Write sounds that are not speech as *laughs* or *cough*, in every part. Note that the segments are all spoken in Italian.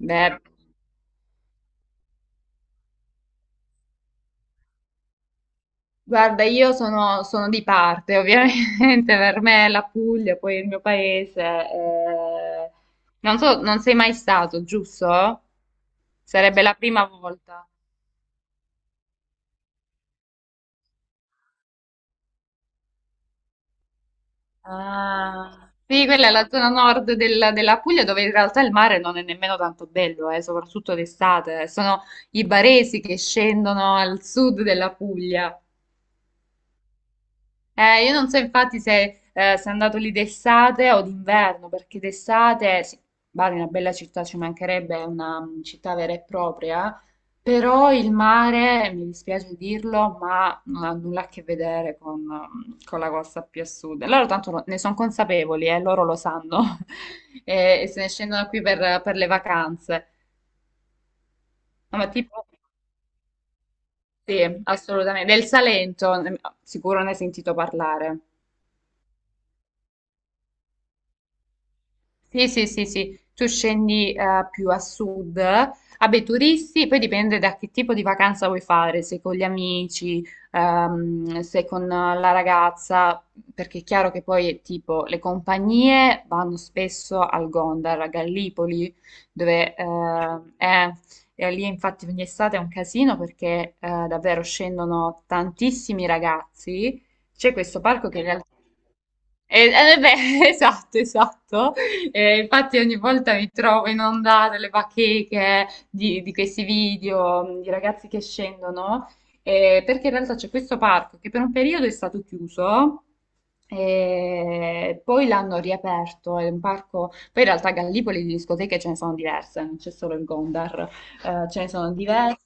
Beh, guarda, io sono di parte, ovviamente, *laughs* per me la Puglia, poi il mio paese. Non so, non sei mai stato, giusto? Sarebbe la prima volta. Ah, sì, quella è la zona nord della Puglia dove in realtà il mare non è nemmeno tanto bello, soprattutto d'estate. Sono i baresi che scendono al sud della Puglia. Io non so infatti se sei andato lì d'estate o d'inverno, perché d'estate, sì, Bari è una bella città, ci mancherebbe, è una città vera e propria, però il mare, mi dispiace dirlo, ma non ha nulla a che vedere con, con la costa più a sud. E loro tanto ne sono consapevoli, loro lo sanno, *laughs* e se ne scendono qui per le vacanze. No, ma tipo, sì, assolutamente, del Salento, sicuro ne hai sentito parlare. Sì, sì, sì, sì, tu scendi più a sud, vabbè, turisti, poi dipende da che tipo di vacanza vuoi fare, se con gli amici, se con la ragazza, perché è chiaro che poi è tipo le compagnie vanno spesso al Gondar, a Gallipoli, dove e lì infatti ogni estate è un casino perché davvero scendono tantissimi ragazzi, c'è questo parco che in realtà beh, *laughs* esatto, esatto. Infatti ogni volta mi trovo inondata le bacheche di questi video di ragazzi che scendono, perché in realtà c'è questo parco che per un periodo è stato chiuso e poi l'hanno riaperto, è un parco, poi in realtà a Gallipoli di discoteche ce ne sono diverse, non c'è solo il Gondar, ce ne sono diverse.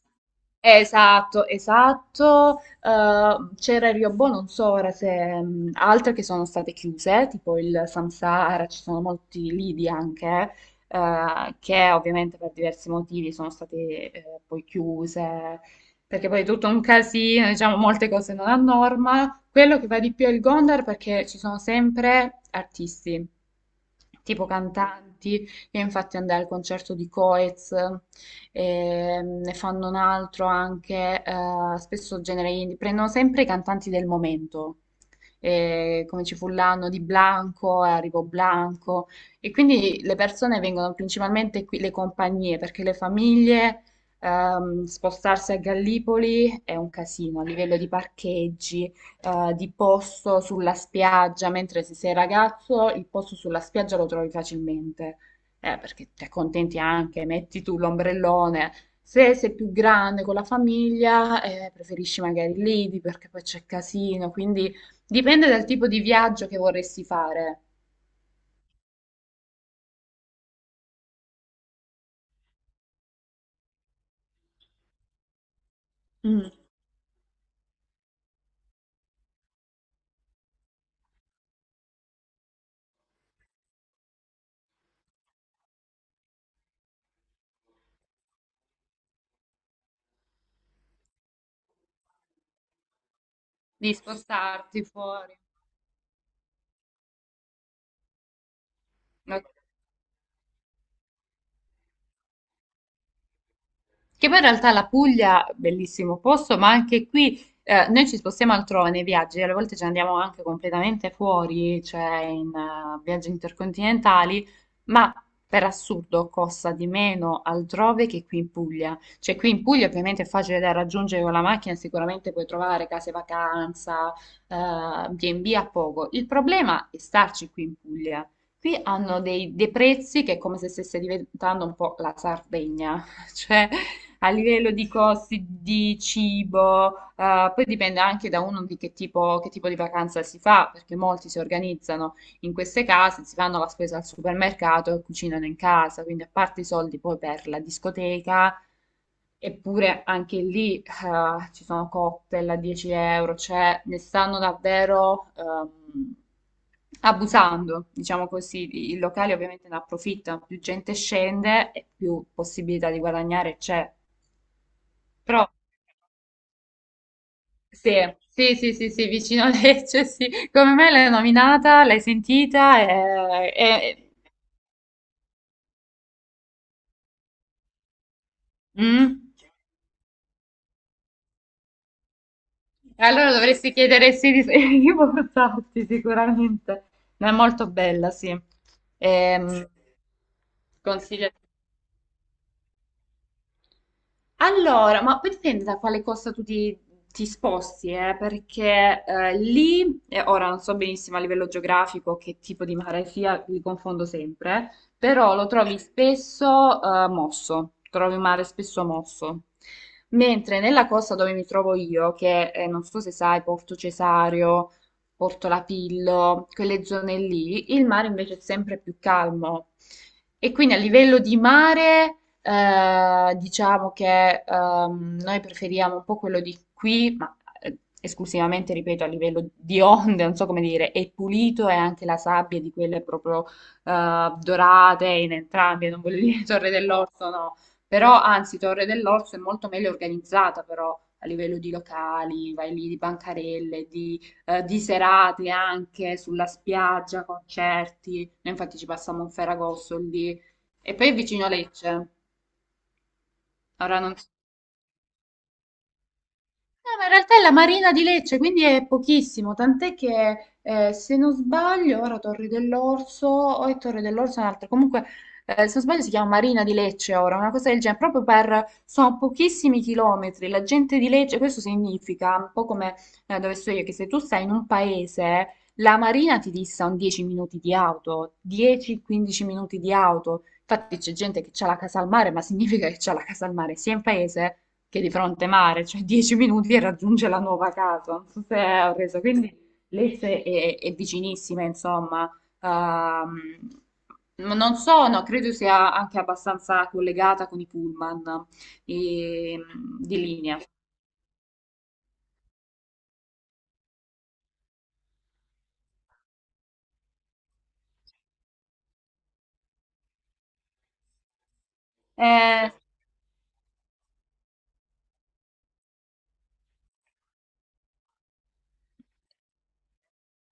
Esatto, esatto. C'era il Riobò, non so ora se altre che sono state chiuse, tipo il Samsara, ci sono molti lidi anche, che ovviamente per diversi motivi sono state poi chiuse, perché poi è tutto un casino, diciamo molte cose non a norma. Quello che va di più è il Gondar perché ci sono sempre artisti, tipo cantanti. Io infatti andai al concerto di Coez, ne fanno un altro anche, spesso genere indie, prendono sempre i cantanti del momento. Come ci fu l'anno di Blanco, arrivò Blanco e quindi le persone vengono principalmente qui, le compagnie, perché le famiglie spostarsi a Gallipoli è un casino a livello di parcheggi, di posto sulla spiaggia, mentre se sei ragazzo il posto sulla spiaggia lo trovi facilmente, perché ti accontenti anche, metti tu l'ombrellone. Se sei più grande con la famiglia, preferisci magari l'IDI perché poi c'è casino, quindi dipende dal tipo di viaggio che vorresti fare, Mm. di spostarti fuori. Ok. Che poi in realtà la Puglia, bellissimo posto, ma anche qui noi ci spostiamo altrove nei viaggi, alle volte ci andiamo anche completamente fuori, cioè in viaggi intercontinentali, ma per assurdo costa di meno altrove che qui in Puglia. Cioè qui in Puglia ovviamente è facile da raggiungere con la macchina, sicuramente puoi trovare case vacanza, B&B a poco. Il problema è starci qui in Puglia. Qui hanno dei prezzi che è come se stesse diventando un po' la Sardegna, *laughs* cioè a livello di costi di cibo, poi dipende anche da uno di che tipo di vacanza si fa, perché molti si organizzano in queste case, si fanno la spesa al supermercato e cucinano in casa, quindi a parte i soldi poi per la discoteca, eppure anche lì ci sono cocktail a 10 euro, cioè ne stanno davvero abusando, diciamo così, i locali ovviamente ne approfittano, più gente scende e più possibilità di guadagnare c'è. Però, sì, sì, sì, sì, sì, vicino a Lecce, sì. Come me l'hai nominata, l'hai sentita e... mm? Allora dovresti chiedere se di, *laughs* di portarti sicuramente. Ma è molto bella, sì. Ehm, consiglio. Allora, ma poi dipende da quale costa ti sposti, perché lì, ora non so benissimo a livello geografico che tipo di mare sia, li confondo sempre, però lo trovi spesso mosso, trovi un mare spesso mosso. Mentre nella costa dove mi trovo io, che non so se sai, Porto Cesario, Porto Lapillo, quelle zone lì, il mare invece è sempre più calmo. E quindi a livello di mare... diciamo che noi preferiamo un po' quello di qui, ma esclusivamente, ripeto, a livello di onde, non so come dire, è pulito e anche la sabbia di quelle proprio dorate in entrambi, non voglio dire *laughs* Torre dell'Orso, no, però anzi Torre dell'Orso è molto meglio organizzata però. A livello di locali, vai lì di bancarelle, di serate anche sulla spiaggia, concerti. Noi infatti ci passiamo un Ferragosto lì. E poi è vicino a Lecce. Ora non... so. No, ma in realtà è la Marina di Lecce, quindi è pochissimo, tant'è che se non sbaglio, ora Torri dell'Orso, o è Torre dell'Orso, è un'altra, comunque se non sbaglio si chiama Marina di Lecce ora, una cosa del genere, proprio per, sono pochissimi chilometri, la gente di Lecce, questo significa, un po' come dove sto io, che se tu stai in un paese, la Marina ti dista un 10 minuti di auto, 10-15 minuti di auto, infatti c'è gente che ha la casa al mare, ma significa che ha la casa al mare sia in paese che è di fronte mare, cioè *laughs* 10 minuti e raggiunge la nuova casa, non so se ho reso, quindi l'Esse è vicinissima, insomma. Non so, no, credo sia anche abbastanza collegata con i pullman e- di linea. Eh,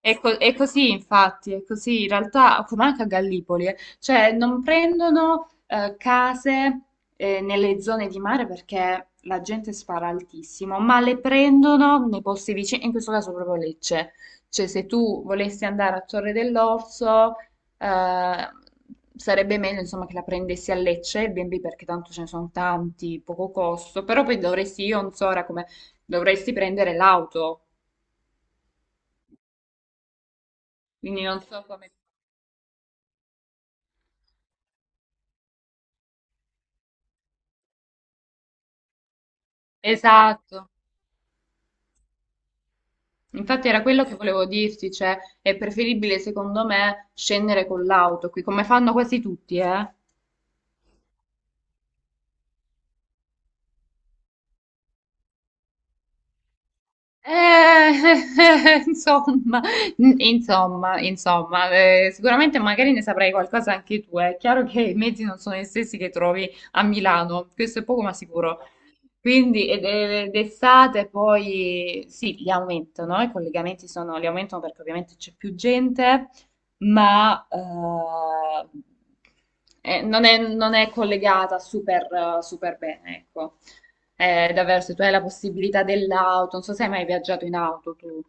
È, è così, infatti, è così. In realtà, come anche a Gallipoli, cioè non prendono case nelle zone di mare perché la gente spara altissimo, ma le prendono nei posti vicini, in questo caso proprio Lecce. Cioè, se tu volessi andare a Torre dell'Orso, eh, sarebbe meglio, insomma, che la prendessi a Lecce, il B&B, perché tanto ce ne sono tanti, poco costo, però poi dovresti, io non so ora come, dovresti prendere l'auto, quindi non so come... Esatto, infatti era quello che volevo dirti, cioè è preferibile secondo me scendere con l'auto qui, come fanno quasi tutti, eh? Eh, *laughs* insomma, insomma, sicuramente magari ne saprai qualcosa anche tu. Eh. È chiaro che i mezzi non sono gli stessi che trovi a Milano, questo è poco ma sicuro. Quindi d'estate poi sì, li aumentano, i collegamenti sono, li aumentano perché ovviamente c'è più gente, ma non non è collegata super, super bene, ecco. Davvero, se tu hai la possibilità dell'auto, non so se hai mai viaggiato in auto tu.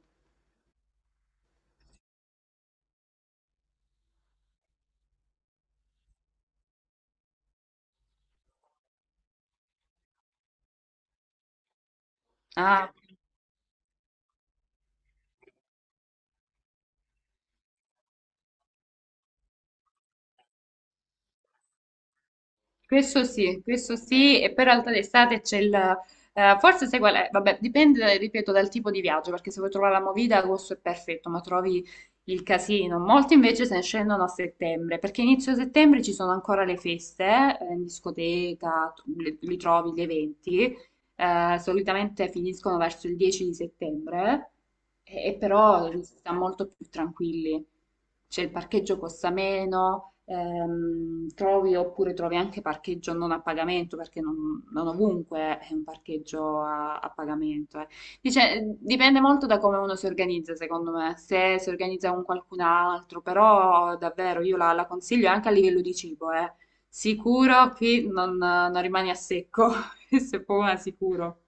Ah, questo sì, e poi in realtà d'estate c'è il... forse sai qual è? Vabbè, dipende, ripeto, dal tipo di viaggio, perché se vuoi trovare la movida, agosto è perfetto, ma trovi il casino. Molti invece se ne scendono a settembre, perché inizio settembre ci sono ancora le feste, in discoteca, li trovi gli eventi, solitamente finiscono verso il 10 di settembre, e però si sta molto più tranquilli. Cioè il parcheggio costa meno, trovi oppure trovi anche parcheggio non a pagamento, perché non, non ovunque è un parcheggio a, a pagamento. Eh. Dice, dipende molto da come uno si organizza, secondo me, se si organizza con qualcun altro, però davvero io la consiglio anche a livello di cibo, eh. Sicuro qui non, non rimani a secco. *laughs* Questo è poco ma sicuro.